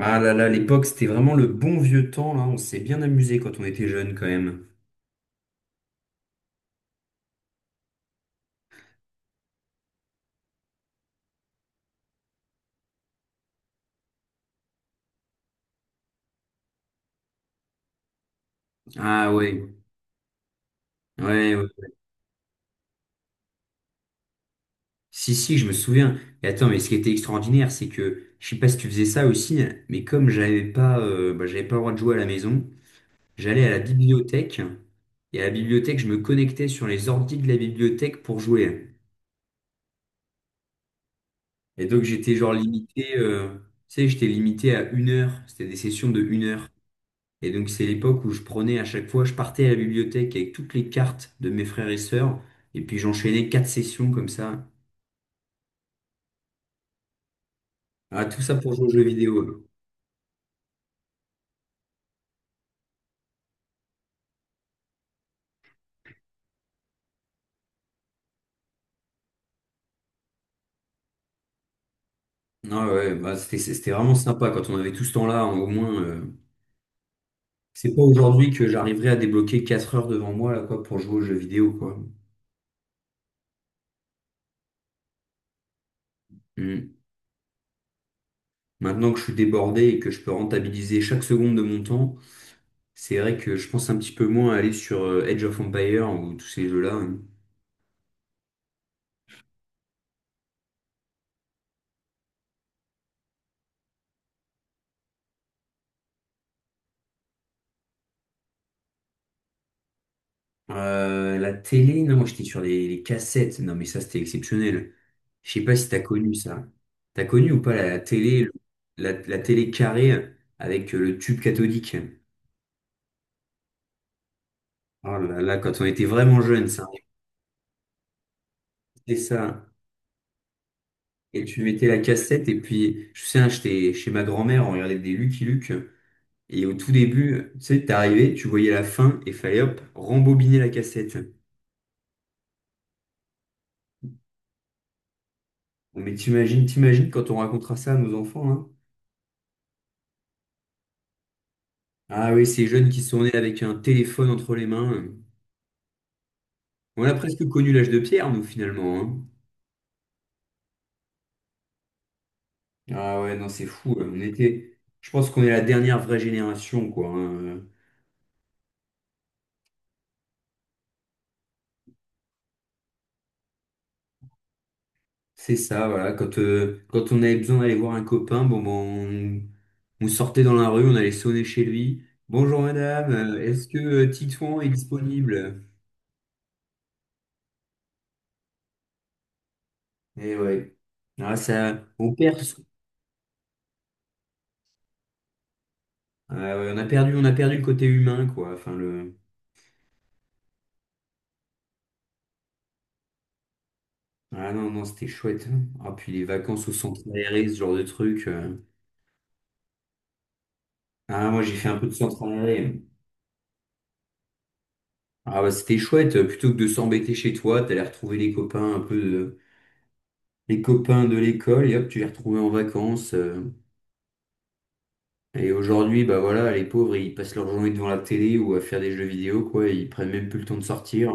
Ah là là, l'époque, c'était vraiment le bon vieux temps, là. On s'est bien amusé quand on était jeune, quand même. Ah ouais, ouais, ouais. Si, si, je me souviens. Et attends, mais ce qui était extraordinaire, c'est que, je sais pas si tu faisais ça aussi, mais comme j'avais pas, bah, j'avais pas le droit de jouer à la maison, j'allais à la bibliothèque, et à la bibliothèque, je me connectais sur les ordi de la bibliothèque pour jouer. Et donc, j'étais genre limité, tu sais, j'étais limité à 1 heure. C'était des sessions de 1 heure. Et donc, c'est l'époque où je prenais à chaque fois, je partais à la bibliothèque avec toutes les cartes de mes frères et sœurs, et puis j'enchaînais quatre sessions comme ça. Ah, tout ça pour jouer aux jeux vidéo. Ah ouais, bah c'était vraiment sympa quand on avait tout ce temps-là, hein, au moins. C'est pas aujourd'hui que j'arriverai à débloquer 4 heures devant moi là, quoi, pour jouer aux jeux vidéo, quoi. Mm. Maintenant que je suis débordé et que je peux rentabiliser chaque seconde de mon temps, c'est vrai que je pense un petit peu moins à aller sur Age of Empire ou tous ces jeux-là, hein. La télé, non, moi j'étais sur les cassettes. Non, mais ça c'était exceptionnel. Je sais pas si t'as connu ça. T'as connu ou pas la télé, la télé carrée avec le tube cathodique? Oh là là, quand on était vraiment jeune, ça, c'était ça. Et tu mettais la cassette et puis, je sais, hein, j'étais chez ma grand-mère, on regardait des Lucky Luke. Et au tout début, tu sais, t'arrivais, tu voyais la fin et fallait hop, rembobiner la cassette. Bon, mais t'imagines quand on racontera ça à nos enfants, hein. Ah oui, ces jeunes qui sont nés avec un téléphone entre les mains. On a presque connu l'âge de pierre, nous, finalement, hein. Ah ouais, non, c'est fou. On était... Je pense qu'on est la dernière vraie génération, quoi, hein. C'est ça, voilà. Quand on avait besoin d'aller voir un copain, bon, bon, on sortait dans la rue, on allait sonner chez lui. Bonjour madame, est-ce que Titouan est disponible? Eh ouais. Ah, ça, Ah ouais, on a perdu le côté humain, quoi. Enfin. Ah non, non, c'était chouette, hein. Ah, puis les vacances au centre aéré, ce genre de truc. Ah, moi, j'ai fait un peu de centre aéré. Ah, bah, c'était chouette. Plutôt que de s'embêter chez toi, t'allais retrouver les copains les copains de l'école et hop, tu les retrouvais en vacances. Et aujourd'hui, bah voilà, les pauvres, ils passent leur journée devant la télé ou à faire des jeux vidéo, quoi. Ils prennent même plus le temps de sortir.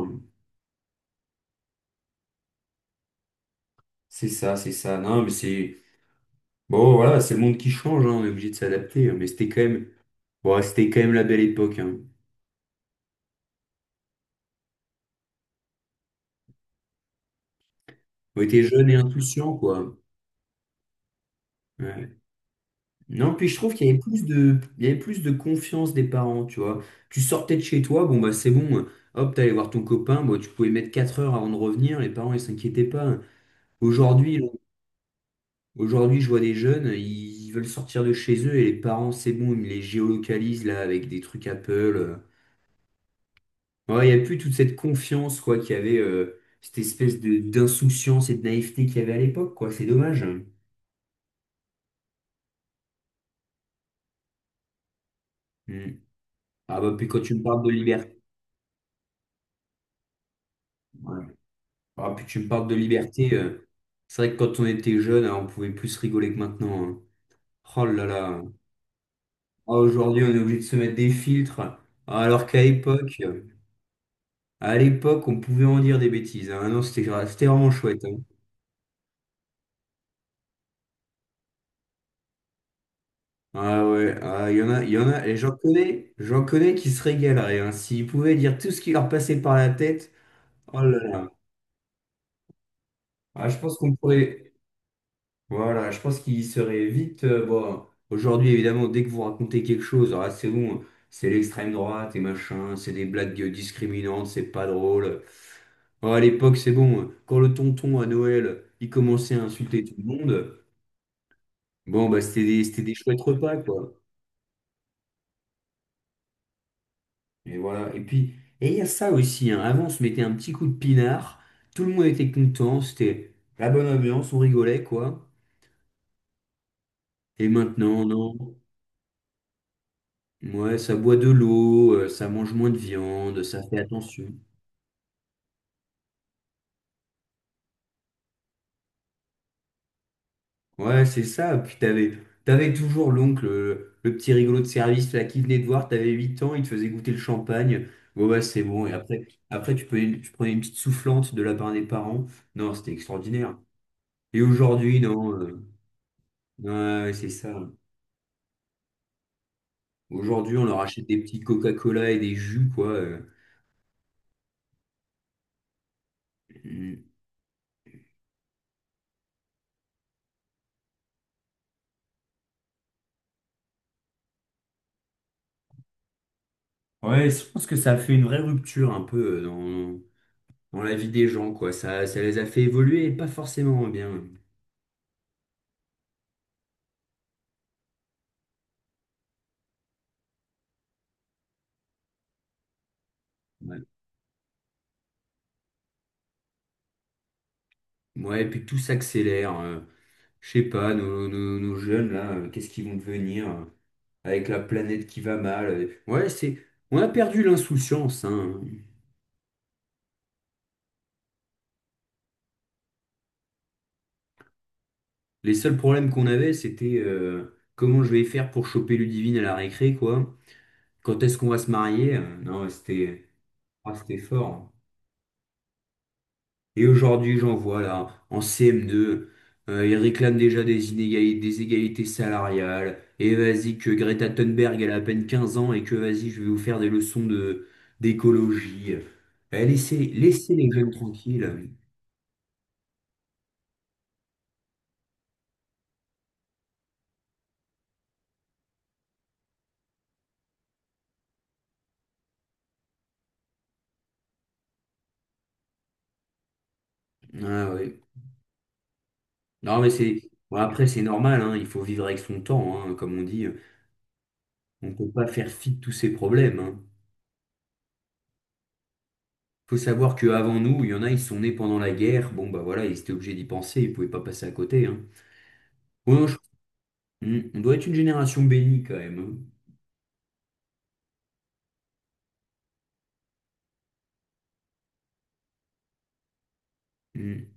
C'est ça, c'est ça. Non, mais c'est... Bon, voilà, c'est le monde qui change, hein. On est obligé de s'adapter, hein. Mais c'était quand même... Bon, c'était quand même la belle époque, hein. On était jeunes et insouciants, quoi. Ouais. Non, puis je trouve qu'il y avait plus de confiance des parents, tu vois. Tu sortais de chez toi, bon bah c'est bon, hop, t'allais voir ton copain, bon, tu pouvais mettre 4 heures avant de revenir, les parents ils s'inquiétaient pas. Aujourd'hui, là, aujourd'hui, je vois des jeunes, ils veulent sortir de chez eux et les parents, c'est bon, ils me les géolocalisent là avec des trucs Apple. Ouais, il n'y a plus toute cette confiance, quoi, qu'il y avait, cette espèce de d'insouciance et de naïveté qu'il y avait à l'époque, quoi, c'est dommage. Mm. Ah bah puis quand tu me parles de liberté. Ouais. Ah, puis tu me parles de liberté. C'est vrai que quand on était jeune, hein, on pouvait plus rigoler que maintenant, hein. Oh là là. Ah, aujourd'hui, on est obligé de se mettre des filtres. Ah, alors qu'à l'époque, on pouvait en dire des bêtises, hein. Ah non, c'était vraiment chouette, hein. Ah ouais, ah, il y en a, et j'en connais qui se régaleraient, hein. S'ils pouvaient dire tout ce qui leur passait par la tête, oh là là. Ah, je pense qu'on pourrait. Voilà, je pense qu'il serait vite. Bon, aujourd'hui, évidemment, dès que vous racontez quelque chose, alors là, c'est bon, c'est l'extrême droite et machin, c'est des blagues discriminantes, c'est pas drôle. Oh, à l'époque, c'est bon, quand le tonton à Noël, il commençait à insulter tout le monde, bon, bah, c'était des chouettes repas, quoi. Et voilà. Et puis il y a ça aussi, hein. Avant, on se mettait un petit coup de pinard, tout le monde était content, c'était la bonne ambiance, on rigolait, quoi. Et maintenant, non. Ouais, ça boit de l'eau, ça mange moins de viande, ça fait attention. Ouais, c'est ça. Puis t'avais toujours l'oncle, le petit rigolo de service là qui venait te voir, t'avais 8 ans, il te faisait goûter le champagne. Bon, bah c'est bon. Et après tu prenais une petite soufflante de la part des parents. Non, c'était extraordinaire. Et aujourd'hui, non. Ouais, ouais, c'est ça. Aujourd'hui, on leur achète des petits Coca-Cola et des jus, quoi. Mm. Ouais, je pense que ça a fait une vraie rupture un peu dans la vie des gens, quoi. Ça les a fait évoluer et pas forcément en bien. Ouais, ouais, et puis tout s'accélère. Je sais pas, nos jeunes, là, qu'est-ce qu'ils vont devenir avec la planète qui va mal. Ouais, c'est, on a perdu l'insouciance, hein. Les seuls problèmes qu'on avait, c'était comment je vais faire pour choper Ludivine à la récré, quoi. Quand est-ce qu'on va se marier? Non, c'était, fort, hein. Et aujourd'hui, j'en vois là, en CM2, ils réclament déjà des inégalités, des égalités salariales. Et vas-y, que Greta Thunberg, elle a à peine 15 ans et que vas-y, je vais vous faire des leçons d'écologie. Eh, laissez les jeunes tranquilles. Ah, ouais. Non, mais c'est, bon, après, c'est normal, hein, il faut vivre avec son temps, hein, comme on dit. On ne peut pas faire fi de tous ces problèmes, hein. Faut savoir qu'avant nous, il y en a, ils sont nés pendant la guerre. Bon, bah voilà, ils étaient obligés d'y penser, ils ne pouvaient pas passer à côté, hein. Bon, non. On doit être une génération bénie quand même, hein. Hmm.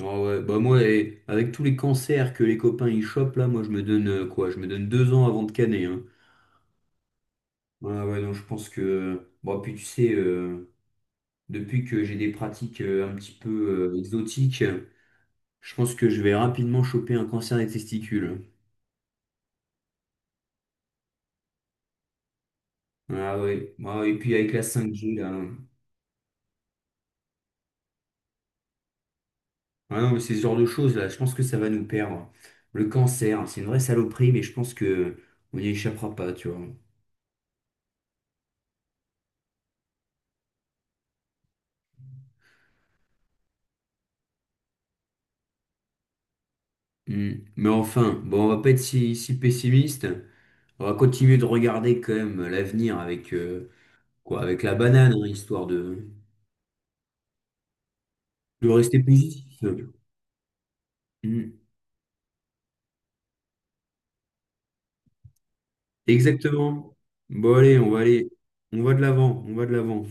Ah ouais, bah moi, eh, avec tous les cancers que les copains ils chopent là, moi je me donne quoi? Je me donne 2 ans avant de caner, hein. Ouais, ouais, non, je pense que. Bon, puis tu sais, depuis que j'ai des pratiques un petit peu exotiques, je pense que je vais rapidement choper un cancer des testicules, hein. Ah ouais, ah, ouais, et puis avec la 5G là, hein. Ah non, mais c'est ce genre de choses là, je pense que ça va nous perdre. Le cancer, c'est une vraie saloperie, mais je pense que on n'y échappera pas, tu vois. Hmm. Mais enfin, bon, on va pas être si pessimiste. On va continuer de regarder quand même l'avenir avec, quoi, avec la banane, hein, histoire de rester positif. Hmm. Exactement. Bon, allez, on va aller. On va de l'avant, on va de l'avant.